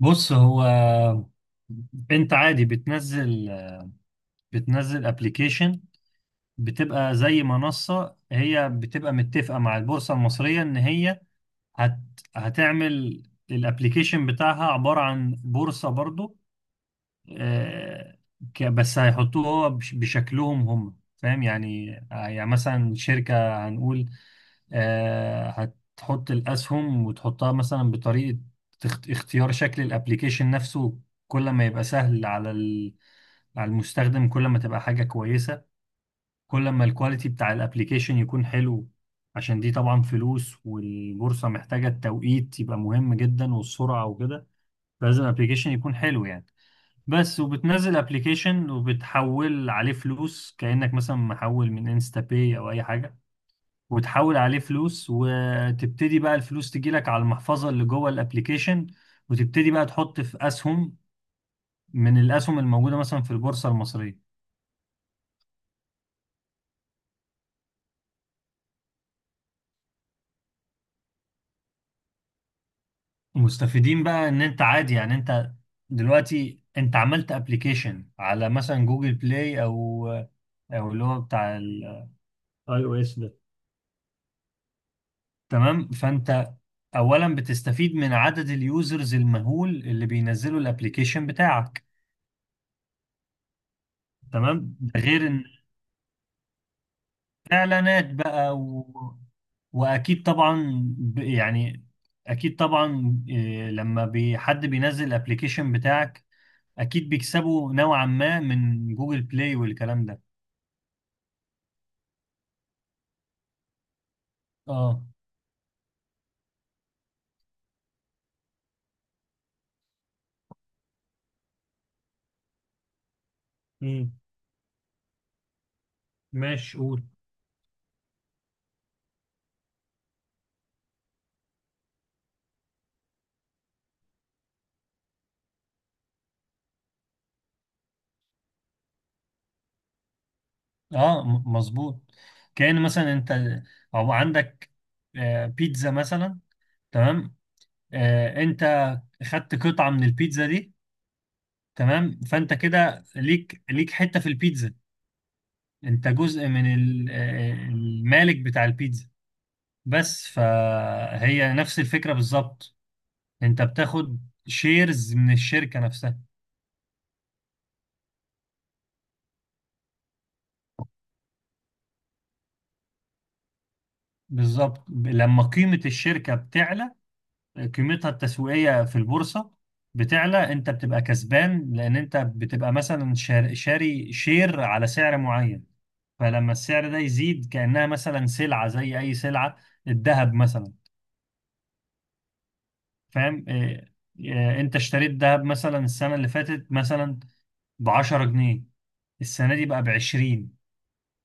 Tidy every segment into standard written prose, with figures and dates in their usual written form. بص، هو انت عادي بتنزل ابلكيشن. بتبقى زي منصة، هي بتبقى متفقة مع البورصة المصرية ان هي هت... هتعمل الابلكيشن بتاعها عبارة عن بورصة برضو. آه، بس هيحطوه هو بشكلهم هم فاهم يعني. آه، يعني مثلا شركة هنقول آه، هتحط الأسهم وتحطها مثلا بطريقة اختيار شكل الابليكيشن نفسه. كل ما يبقى سهل على المستخدم كل ما تبقى حاجة كويسة. كل ما الكواليتي بتاع الابليكيشن يكون حلو، عشان دي طبعا فلوس والبورصة محتاجة التوقيت يبقى مهم جدا والسرعة وكده. لازم الابليكيشن يكون حلو يعني. بس وبتنزل ابلكيشن وبتحول عليه فلوس، كأنك مثلا محول من انستا باي او اي حاجة. وتحول عليه فلوس وتبتدي بقى الفلوس تجيلك على المحفظة اللي جوه الابلكيشن، وتبتدي بقى تحط في اسهم من الاسهم الموجودة مثلا في البورصة المصرية. مستفيدين بقى ان انت عادي يعني. انت دلوقتي انت عملت ابلكيشن على مثلا جوجل بلاي او اللي هو بتاع الاي او اس. تمام، فانت اولا بتستفيد من عدد اليوزرز المهول اللي بينزلوا الابليكيشن بتاعك. تمام، ده غير ان اعلانات بقى يعني اكيد طبعا إيه، لما حد بينزل الابليكيشن بتاعك اكيد بيكسبوا نوعا ما من جوجل بلاي والكلام ده. اه. امم، ماشي قول. اه، مظبوط. كأن مثلا انت او عندك آه، بيتزا مثلا. تمام. آه، انت خدت قطعة من البيتزا دي. تمام، فانت كده ليك حتة في البيتزا. انت جزء آه، المالك بتاع البيتزا بس. فهي نفس الفكرة بالظبط، انت بتاخد شيرز من الشركة نفسها. بالظبط، لما قيمة الشركة بتعلى، قيمتها التسويقية في البورصة بتعلى، انت بتبقى كسبان لان انت بتبقى مثلا شاري شير على سعر معين. فلما السعر ده يزيد كأنها مثلا سلعة زي أي سلعة، الذهب مثلا. فاهم إيه؟ إيه، أنت اشتريت ذهب مثلا السنة اللي فاتت مثلا ب 10 جنيه، السنة دي بقى ب 20،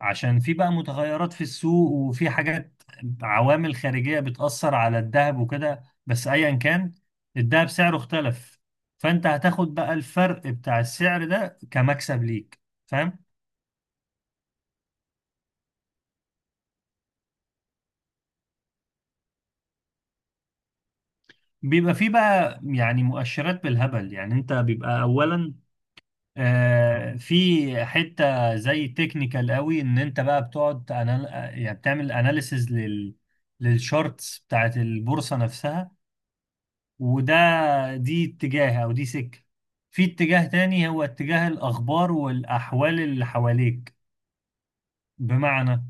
عشان في بقى متغيرات في السوق وفي حاجات، عوامل خارجية بتأثر على الذهب وكده. بس أيا كان الذهب سعره اختلف، فأنت هتاخد بقى الفرق بتاع السعر ده كمكسب ليك. فاهم؟ بيبقى في بقى يعني مؤشرات بالهبل. يعني انت بيبقى اولا آه، في حتة زي تكنيكال قوي ان انت بقى بتقعد يعني بتعمل اناليسز للشارتس بتاعت البورصة نفسها. وده دي اتجاه، او دي سكة. في اتجاه تاني هو اتجاه الاخبار والاحوال اللي حواليك. بمعنى،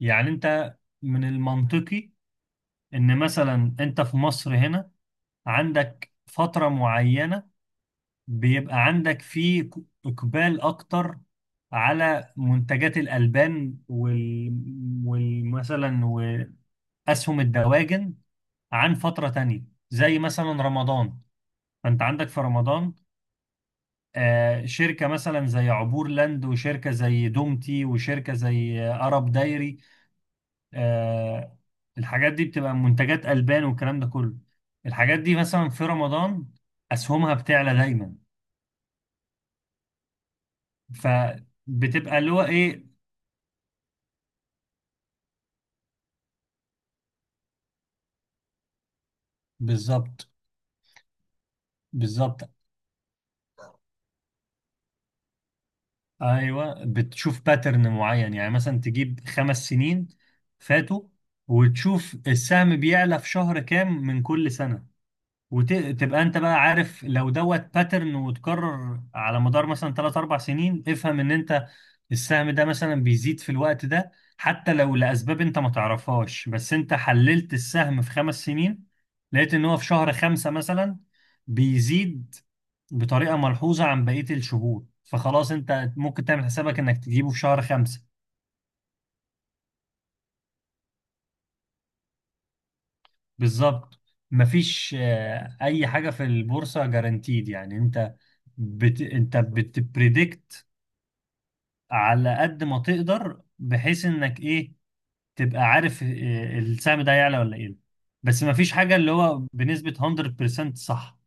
يعني انت من المنطقي ان مثلا انت في مصر هنا عندك فترة معينة بيبقى عندك فيه إقبال أكتر على منتجات الألبان والمثلا وأسهم الدواجن عن فترة تانية زي مثلا رمضان. فأنت عندك في رمضان آه، شركة مثلا زي عبور لاند وشركة زي دومتي وشركة زي آه، أرب دايري. آه، الحاجات دي بتبقى منتجات ألبان والكلام ده كله. الحاجات دي مثلا في رمضان أسهمها بتعلى دايما. ف بتبقى اللي هو ايه. بالظبط، بالظبط. ايوه، بتشوف باترن معين يعني مثلا تجيب خمس سنين فاتوا وتشوف السهم بيعلى في شهر كام من كل سنه، وتبقى انت بقى عارف لو دوت باترن وتكرر على مدار مثلا 3 4 سنين افهم ان انت السهم ده مثلا بيزيد في الوقت ده، حتى لو لاسباب انت ما تعرفهاش. بس انت حللت السهم في خمس سنين، لقيت ان هو في شهر خمسة مثلا بيزيد بطريقة ملحوظة عن بقية الشهور، فخلاص انت ممكن تعمل حسابك انك تجيبه في شهر خمسة. بالظبط. مفيش آه، اي حاجة في البورصة جارانتيد. يعني انت انت بتبريدكت على قد ما تقدر بحيث انك ايه، تبقى عارف آه، السهم ده هيعلى ولا ايه. بس مفيش حاجة اللي هو بنسبة 100% صح.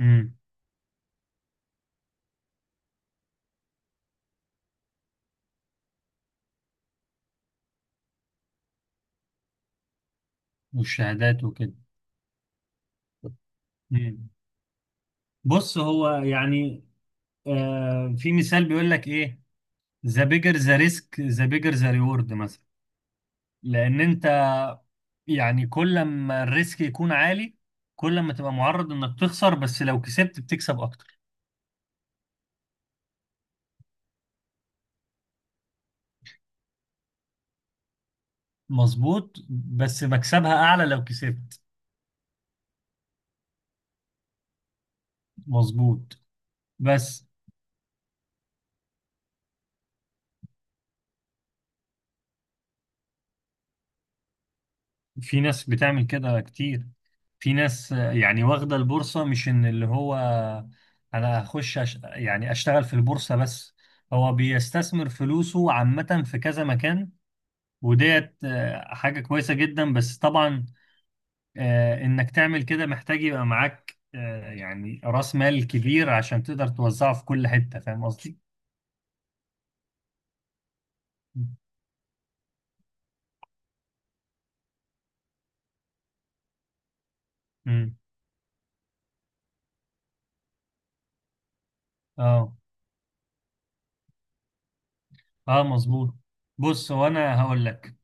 امم، والشهادات وكده. مم. بص، هو يعني آه في مثال بيقول لك ايه، ذا بيجر ذا ريسك ذا بيجر ذا ريورد مثلا. لان انت يعني كل ما الريسك يكون عالي كل ما تبقى معرض انك تخسر، بس لو كسبت بتكسب اكتر. مظبوط، بس مكسبها اعلى لو كسبت. مظبوط، بس في ناس بتعمل كده كتير. في ناس آه، يعني واخدة البورصة مش ان اللي هو انا هخش يعني اشتغل في البورصة بس. هو بيستثمر فلوسه عامة في كذا مكان، وديت آه، حاجة كويسة جدا. بس طبعا آه، انك تعمل كده محتاج يبقى معاك آه، يعني رأس مال كبير عشان تقدر توزعه في كل حتة. فاهم قصدي؟ امم. اه. اه، مظبوط. بص، هو انا هقول لك.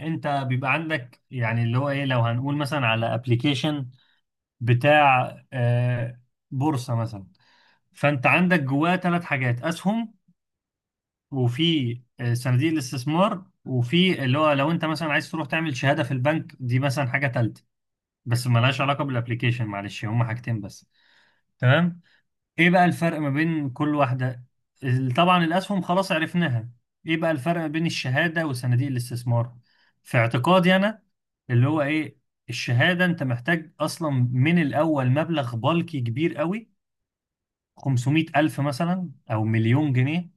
انت بيبقى عندك يعني اللي هو ايه، لو هنقول مثلا على ابلكيشن بتاع آه، بورصة مثلا. فانت عندك جواه ثلاث حاجات: اسهم، وفي آه، صناديق الاستثمار، وفي اللي هو لو انت مثلا عايز تروح تعمل شهادة في البنك، دي مثلا حاجة تالتة بس ملهاش علاقة بالابليكيشن. معلش، هما حاجتين بس. تمام. ايه بقى الفرق ما بين كل واحدة؟ طبعا الاسهم خلاص عرفناها. ايه بقى الفرق ما بين الشهادة وصناديق الاستثمار؟ في اعتقادي انا اللي هو ايه، الشهادة انت محتاج اصلا من الاول مبلغ بالكي كبير قوي، 500 الف مثلا او مليون جنيه،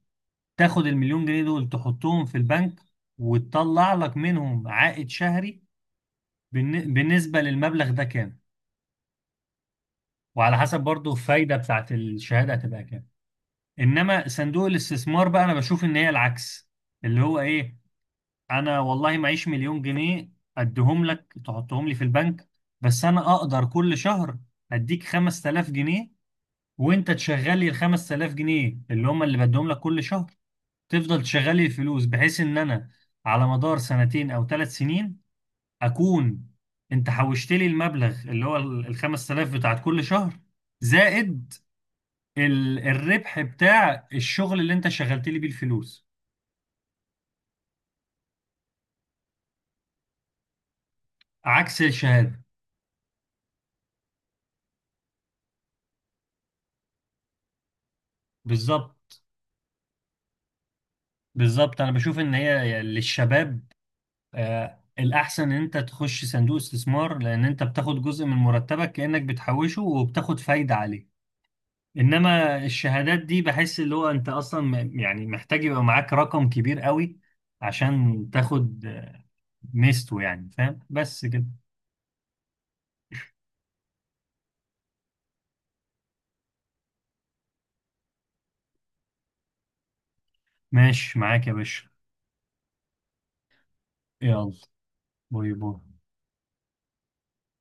تاخد المليون جنيه دول تحطهم في البنك وتطلع لك منهم عائد شهري بالنسبة للمبلغ ده كام، وعلى حسب برضو الفايدة بتاعت الشهادة هتبقى كام. إنما صندوق الاستثمار بقى أنا بشوف إن هي العكس. اللي هو إيه، أنا والله معيش مليون جنيه أديهم لك تحطهم لي في البنك، بس أنا أقدر كل شهر أديك 5000 جنيه وأنت تشغل لي ال 5000 جنيه اللي هم اللي بديهم لك كل شهر. تفضل تشغل لي الفلوس بحيث ان انا على مدار سنتين او ثلاث سنين اكون انت حوشت لي المبلغ اللي هو ال 5000 بتاعت كل شهر، زائد الربح بتاع الشغل اللي انت شغلت لي بيه الفلوس. عكس الشهادة. بالظبط، بالظبط. انا بشوف ان هي للشباب آه الاحسن ان انت تخش صندوق استثمار، لان انت بتاخد جزء من مرتبك كأنك بتحوشه وبتاخد فايدة عليه. انما الشهادات دي بحس اللي هو انت اصلا يعني محتاج يبقى معاك رقم كبير قوي عشان تاخد آه، ميزته يعني. فاهم؟ بس كده. ماشي معاك يا باشا. يلا، باي باي.